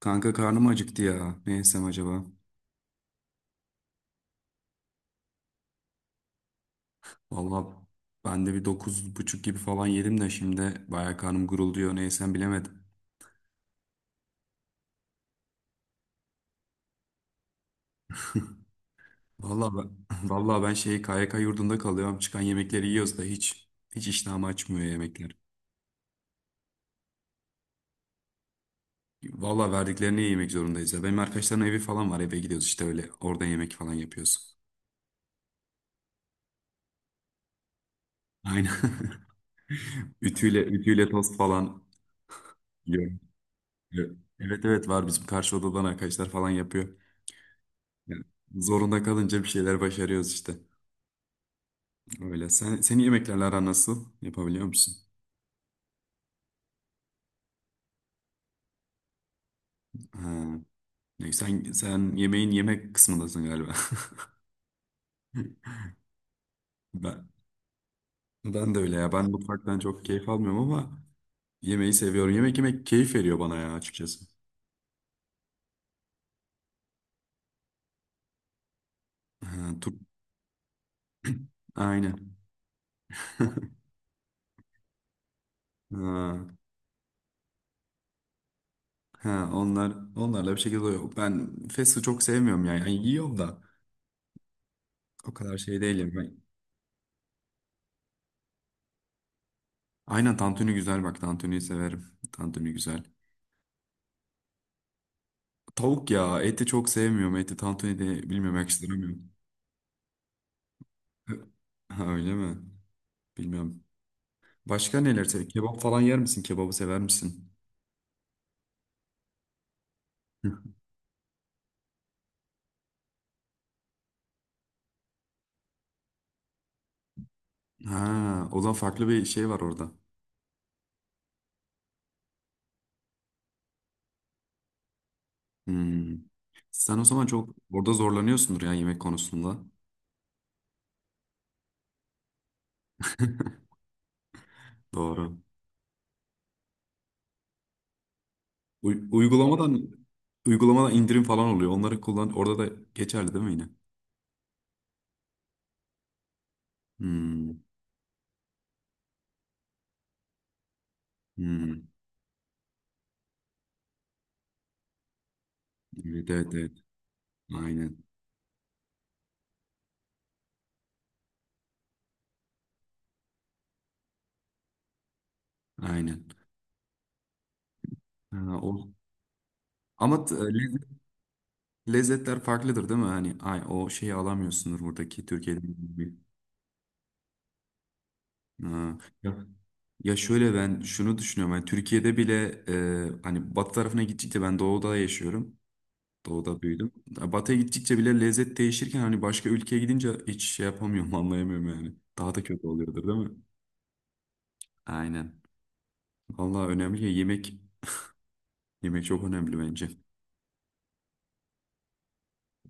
Kanka karnım acıktı ya. Ne yesem acaba? Vallahi ben de bir 9.30 gibi falan yedim de şimdi bayağı karnım gurulduyor. Ne yesem bilemedim. Vallahi ben, vallahi ben şey KYK yurdunda kalıyorum. Çıkan yemekleri yiyoruz da hiç iştahımı açmıyor yemekler. Vallahi verdiklerini yemek zorundayız ya. Benim arkadaşların evi falan var. Eve gidiyoruz işte öyle. Orada yemek falan yapıyoruz. Aynen. Ütüyle ütüyle tost falan yiyorum. Evet evet, var bizim karşı odadan arkadaşlar falan yapıyor. Yani zorunda kalınca bir şeyler başarıyoruz işte. Öyle. Senin yemeklerle aran nasıl? Yapabiliyor musun? Ha. Sen yemeğin yemek kısmındasın galiba. Ben, ben de öyle ya. Ben mutfaktan çok keyif almıyorum ama yemeği seviyorum. Yemek yemek keyif veriyor bana ya açıkçası. Ha. Aynen. Ha, ha, onlarla bir şekilde oluyor. Ben fast'ı çok sevmiyorum yani. Yani yiyorum da o kadar şey değilim ben. Aynen tantuni güzel, bak tantuniyi severim. Tantuni güzel. Tavuk ya, eti çok sevmiyorum. Eti tantuni de bilmiyorum, yakıştıramıyorum. Ha, öyle mi? Bilmiyorum. Başka neler sev? Kebap falan yer misin? Kebabı sever misin? Ha, o zaman farklı bir şey var orada. Hmm. Sen o zaman çok orada zorlanıyorsundur ya yemek konusunda. Doğru. Uy- uygulamadan uygulamadan indirim falan oluyor. Onları kullan. Orada da geçerli değil mi yine? Hmm. Hmm. Evet, evet, evet. Aynen. Aynen. Ha, o. Ama lezzetler farklıdır değil mi? Hani ay, o şeyi alamıyorsundur buradaki Türkiye'de. Ha. Ya, ya şöyle ben şunu düşünüyorum. Hani Türkiye'de bile hani batı tarafına gittikçe, ben doğuda yaşıyorum. Doğuda büyüdüm. Ya batıya gittikçe bile lezzet değişirken, hani başka ülkeye gidince hiç şey yapamıyorum anlayamıyorum yani. Daha da kötü oluyordur değil mi? Aynen. Vallahi önemli ya yemek. Yemek çok önemli bence.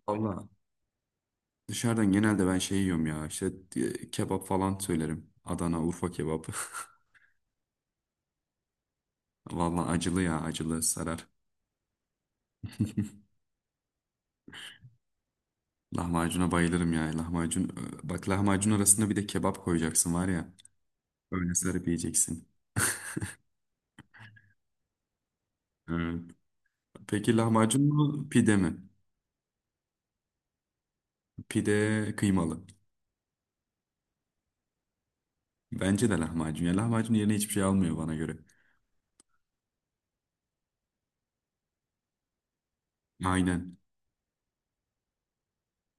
Vallahi dışarıdan genelde ben şey yiyorum ya işte, kebap falan söylerim. Adana, Urfa kebabı. Vallahi acılı ya, acılı sarar. Lahmacuna bayılırım ya. Lahmacun. Bak lahmacun arasında bir de kebap koyacaksın var ya. Öyle sarıp yiyeceksin. Evet. Peki lahmacun mu pide mi? Pide kıymalı. Bence de lahmacun. Ya lahmacun yerine hiçbir şey almıyor bana göre. Aynen.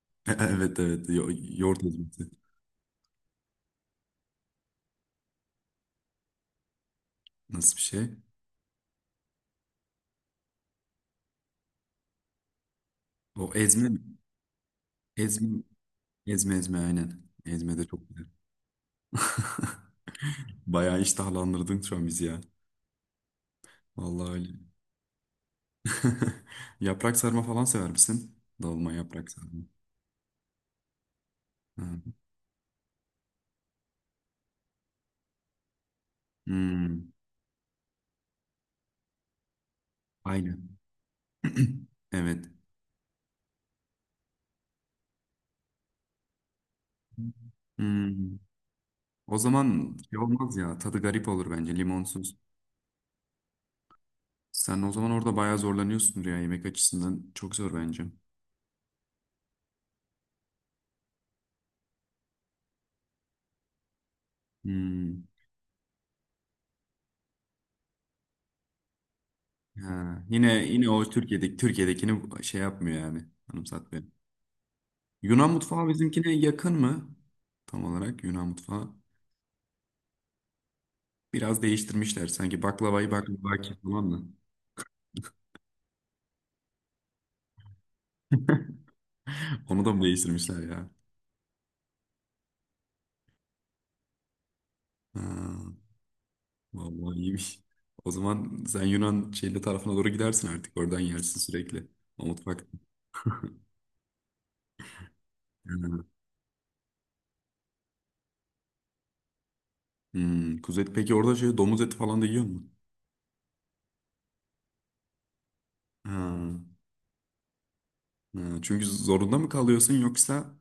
Evet evet. Yoğurt ezmesi. Nasıl bir şey? O ezme mi? Ezme, ezme ezme aynen. Ezme de çok güzel. Bayağı iştahlandırdın şu an bizi ya. Vallahi öyle. Yaprak sarma falan sever misin? Dolma, yaprak sarma. Hı. Hmm, aynen. Evet. Hmm. O zaman şey olmaz ya. Tadı garip olur bence limonsuz. Sen o zaman orada bayağı zorlanıyorsun ya yemek açısından. Çok zor bence. Hmm. Ha. Yine yine o Türkiye'dekini şey yapmıyor yani. Anımsatmıyor. Yunan mutfağı bizimkine yakın mı? Tam olarak Yunan mutfağı. Biraz değiştirmişler. Sanki baklavayı baklava ki falan mı? Onu da mı değiştirmişler ya? Ha, vallahi iyiymiş. O zaman sen Yunan şeyli tarafına doğru gidersin artık. Oradan yersin sürekli. O mutfak. Hmm, kuzu eti. Peki orada şey domuz eti falan da yiyor musun? Ha, ha, çünkü zorunda mı kalıyorsun yoksa?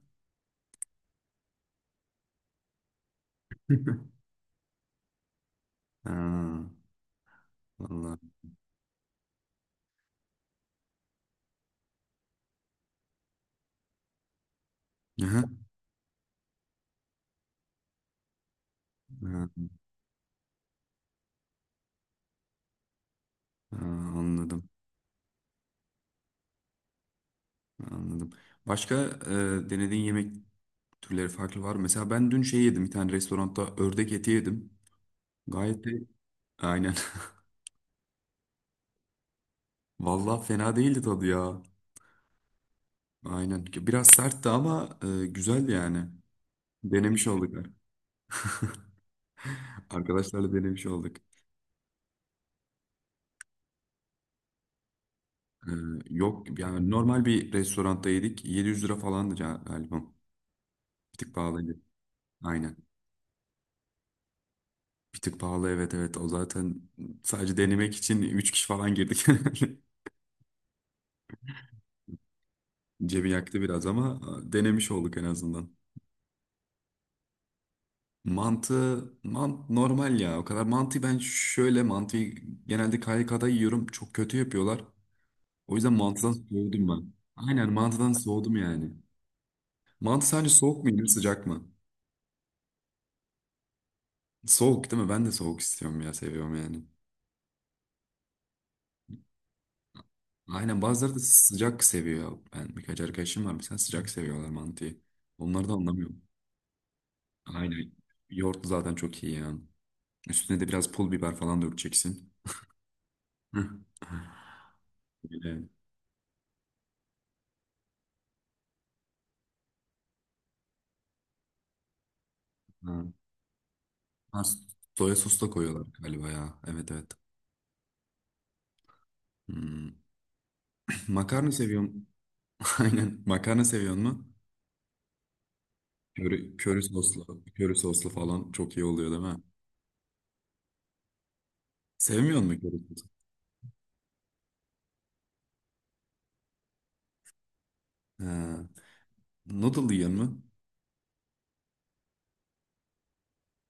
Ha, vallahi. Aha, ha, ha, anladım. Anladım. Başka denediğin yemek türleri farklı var mı? Mesela ben dün şey yedim. Bir tane restoranda ördek eti yedim. Gayet de aynen. Vallahi fena değildi tadı ya. Aynen. Biraz sertti ama güzeldi yani. Denemiş olduk. Arkadaşlarla denemiş olduk. E, yok yani, normal bir restoranda yedik. 700 TL falandı, galiba. Bir tık pahalıydı. Aynen. Bir tık pahalı, evet evet. O zaten sadece denemek için 3 kişi falan girdik. Cebi yaktı biraz ama denemiş olduk en azından. Mantı normal ya. O kadar mantı, ben şöyle mantıyı genelde KYK'da yiyorum. Çok kötü yapıyorlar. O yüzden mantıdan soğudum ben. Aynen, mantıdan soğudum yani. Mantı sadece soğuk mu yenir, sıcak mı? Soğuk değil mi? Ben de soğuk istiyorum ya, seviyorum yani. Aynen, bazıları da sıcak seviyor. Ben birkaç arkadaşım var mesela, sıcak seviyorlar mantıyı. Onları da anlamıyorum. Aynen. Yoğurtlu zaten çok iyi ya. Üstüne de biraz pul biber falan dökeceksin. Hı. Öyle. Ha. Ha, soya sos da koyuyorlar galiba ya. Evet evet. Hmm. Makarna seviyorum. Aynen. Makarna seviyor mu? Köri soslu falan çok iyi oluyor değil mi? Sevmiyor musun köri sosu? Ha. Noodle yiyen mi?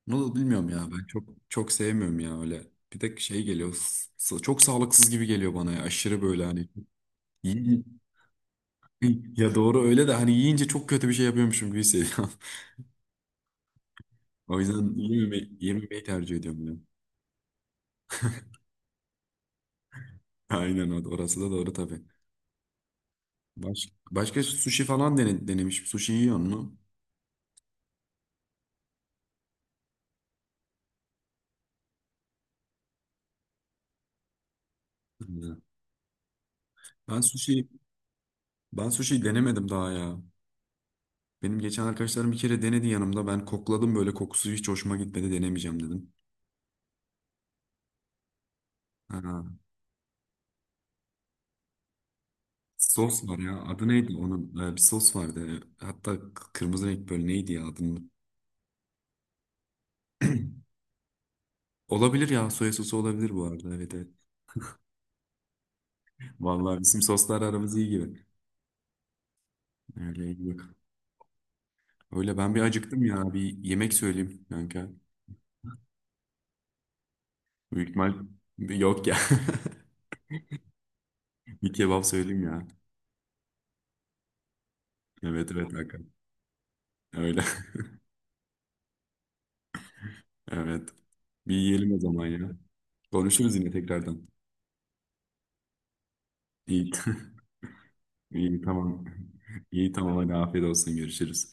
Noodle bilmiyorum ya, ben çok çok sevmiyorum ya öyle. Bir de şey geliyor, çok sağlıksız gibi geliyor bana ya, aşırı böyle hani. Yiyin- Ya doğru öyle de, hani yiyince çok kötü bir şey yapıyormuşum gibi hissediyorum. O yüzden yememeyi tercih ediyorum ben. Aynen, orası da doğru tabii. Başka sushi falan denemiş. Sushi yiyor mu? Hı. Ben sushi ben sushi denemedim daha ya. Benim geçen arkadaşlarım bir kere denedi yanımda. Ben kokladım böyle, kokusu hiç hoşuma gitmedi, denemeyeceğim dedim. Ha, sos var ya, adı neydi onun? Bir sos vardı. Hatta kırmızı renk, böyle neydi ya adının? Olabilir ya, soya sosu olabilir bu arada, evet evet. Vallahi bizim soslar aramız iyi gibi. Öyle iyi yok. Öyle, ben bir acıktım ya, bir yemek söyleyeyim kanka. Büyük ihtimal yok ya. Bir kebap söyleyeyim ya. Evet evet kanka. Öyle. Evet. Bir yiyelim o zaman ya. Konuşuruz yine tekrardan. İyi. İyi, tamam. İyi tamam, hadi afiyet olsun, görüşürüz.